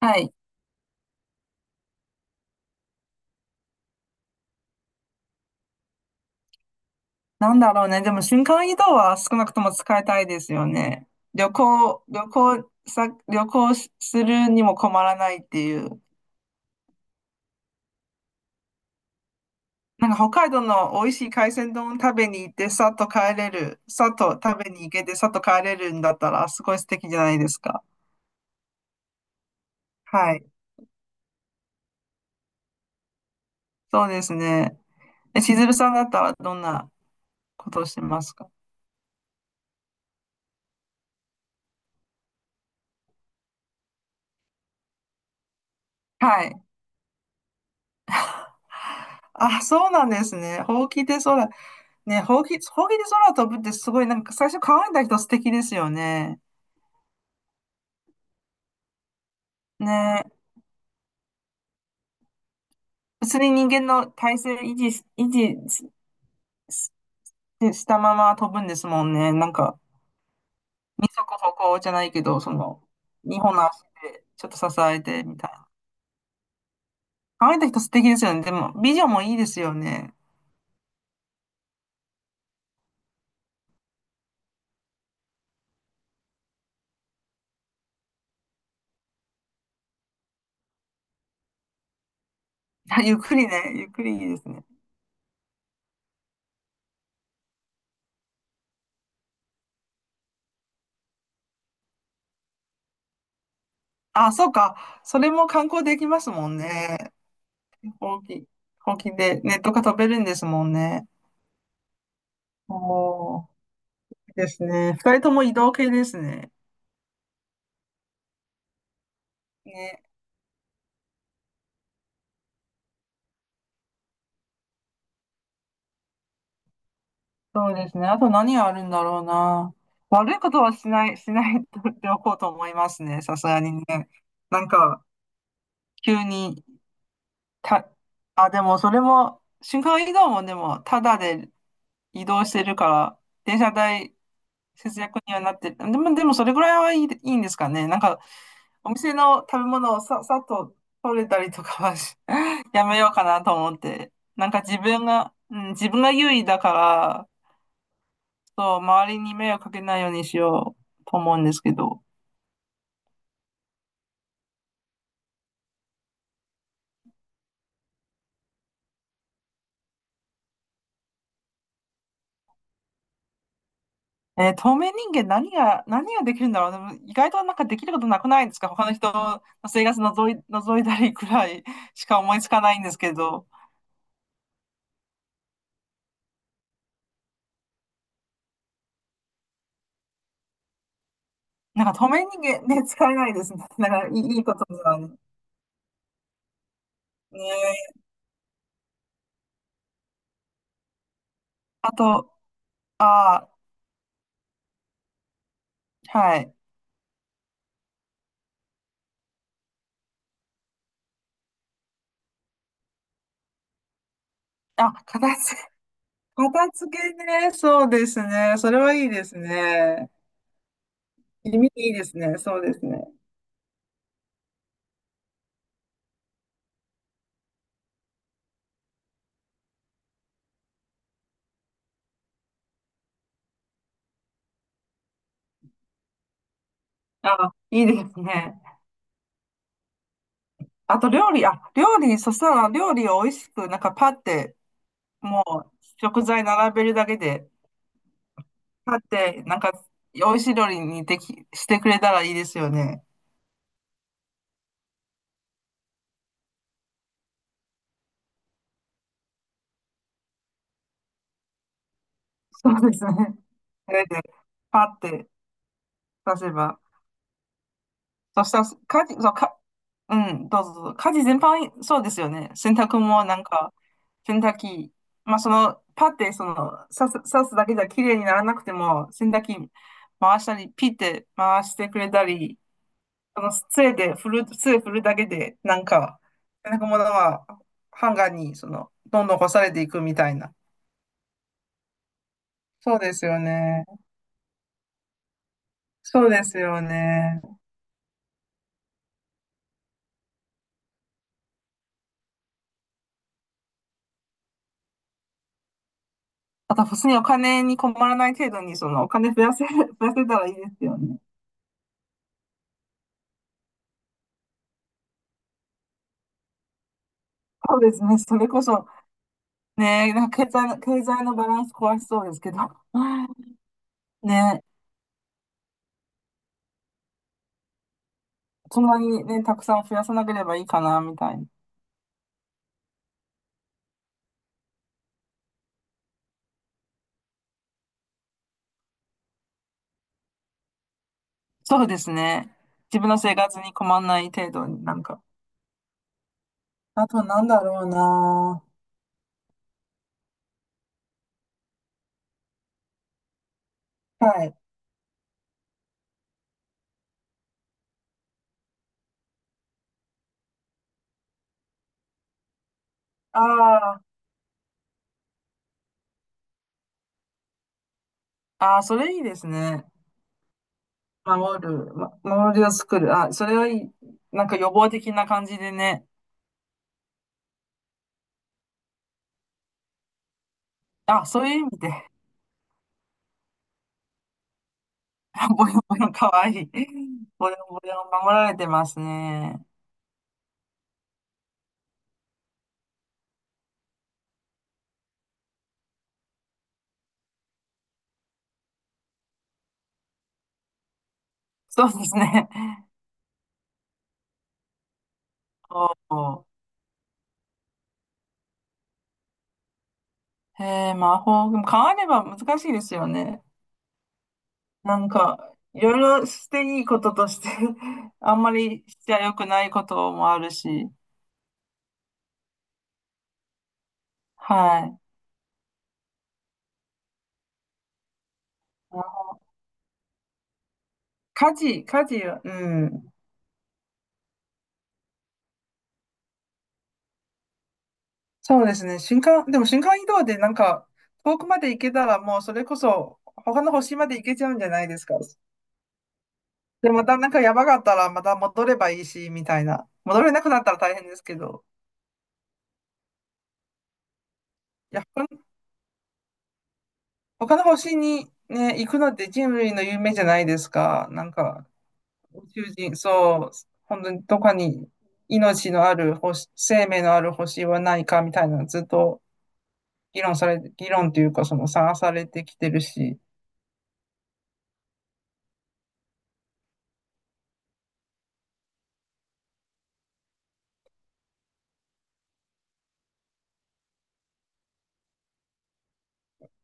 はい。なんだろうね。でも瞬間移動は少なくとも使いたいですよね。旅行するにも困らないっていう。なんか北海道の美味しい海鮮丼食べに行って、さっと帰れる。さっと食べに行けて、さっと帰れるんだったら、すごい素敵じゃないですか。はい。そうですね。しずるさんだったらどんなことをしてますか？はい。あ、そうなんですね。ほうきで空。ね、ほうきで空飛ぶってすごい、なんか最初考えた人素敵ですよね。ねえ、普通に人間の体勢維持ししたまま飛ぶんですもんね。なんか、二足歩行じゃないけど、その、二本の足でちょっと支えてみたいな。考えた人素敵ですよね。でも、美女もいいですよね。あゆっくりね、ゆっくりいいですね。あ、そうか。それも観光できますもんね。ほうき、ほうきでネットが飛べるんですもんね。おー、いいですね。二人とも移動系ですね。ね、そうですね。あと何があるんだろうな。悪いことはしない、しないとっておこうと思いますね。さすがにね。なんか、急に、た、あ、でもそれも、瞬間移動もでも、ただで移動してるから、電車代節約にはなってる。でもそれぐらいはいいんですかね。なんか、お店の食べ物をさ、さっと取れたりとかはし やめようかなと思って。なんか自分が、うん、自分が優位だから、そう、周りに迷惑かけないようにしようと思うんですけど。透明人間何ができるんだろう。でも意外となんかできることなくないですか？他の人の生活のぞい、覗いたりくらいしか思いつかないんですけど。なんか透明人間ね、使えないですね。だからいいことですよね。ねえ、あと、ああ、はい。あ、片付けね。そうですね。それはいいですね。意味いいですね。そうですね。あ、いいですね。あと、料理、あ、料理、そしたら料理を美味しく、なんかパって、もう食材並べるだけで、パって、なんか美味しい料理にしてくれたらいいですよね。そうですね。それで、パって出せば。そしたら、家事、そう、か、うん、どうぞどうぞ。家事全般、そうですよね。洗濯もなんか、洗濯機、まあその、パってその、刺すだけじゃ綺麗にならなくても、洗濯機回したり、ピって回してくれたり、その、杖で振る、杖振るだけで、なんか、ものは、ハンガーに、その、どんどん干されていくみたいな。そうですよね。そうですよね。あと、普通にお金に困らない程度に、その、お金増やせ、増やせたらいいですよね。そうですね。それこそ、ね、なんか経済のバランス壊しそうですけど、ね、そんなにね、たくさん増やさなければいいかな、みたいな。そうですね。自分の生活に困らない程度になんか。あと、なんだろうな。はい。ああ、ああ、それいいですね。守る、守りを作る。あ、それはいい。なんか予防的な感じでね。あ、そういう意味で。ボヨボヨかわいい。ボヨボヨ守られてますね。そうですね。おお、へえ、魔法、でも変われば難しいですよね。なんか、いろいろしていいこととして あんまりしちゃ良くないこともあるし。はい。家事は、うん。そうですね。でも新幹移動でなんか、遠くまで行けたらもうそれこそ、他の星まで行けちゃうんじゃないですか。で、またなんか山があったらまた戻ればいいし、みたいな。戻れなくなったら大変ですけど。いや、他の星にね、行くのって人類の夢じゃないですか。なんか、宇宙人、そう、本当にどこかに命のある星、生命のある星はないか、みたいな、ずっと議論され、議論というか、その探されてきてるし。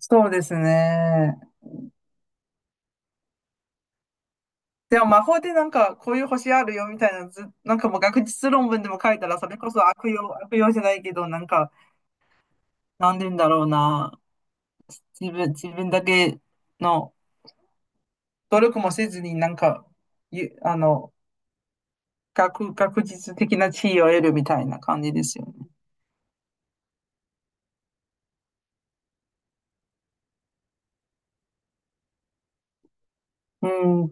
そうですね。でも魔法でなんかこういう星あるよみたいなず、なんかもう学術論文でも書いたらそれこそ悪用、悪用じゃないけど、なんか、なんで言うんだろうな。自分だけの努力もせずになんか、ゆあの、学術的な地位を得るみたいな感じですよね。うん。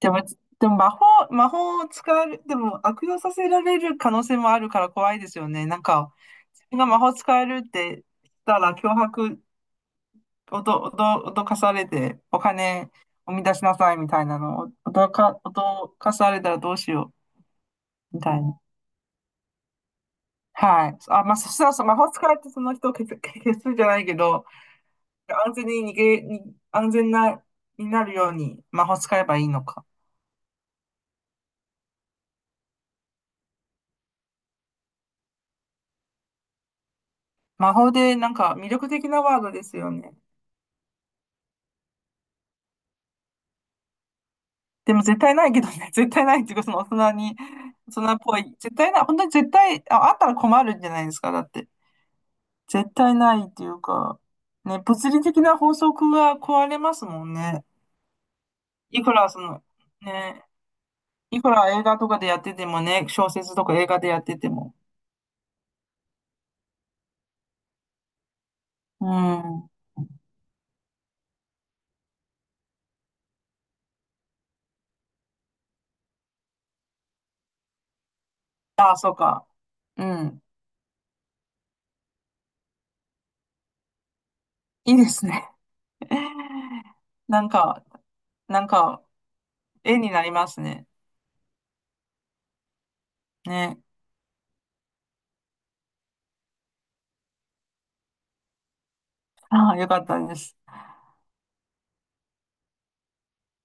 でも、でも、魔法を使える、でも悪用させられる可能性もあるから怖いですよね。なんか、自分が魔法使えるってしたら脅迫おど、おど、脅かされて、お金を生み出しなさいみたいなのを、おどか、脅かされたらどうしようみたいな。はい。あ、まあ、そしたら魔法使いってその人を 消す、消すじゃないけど、安全に逃げ、に、安全な、になるように魔法使えばいいのか。魔法でなんか魅力的なワードですよね。でも絶対ないけどね、絶対ないっていうか、その大人に、大人っぽい。絶対ない、本当に絶対、あ、あったら困るんじゃないですか、だって。絶対ないっていうか、ね、物理的な法則が壊れますもんね。いくらその、ね、いくら映画とかでやっててもね、小説とか映画でやってても。うん。ああ、そうか。うん。いいですね。なんか、なんか、絵になりますね。ね。ああ、よかったです。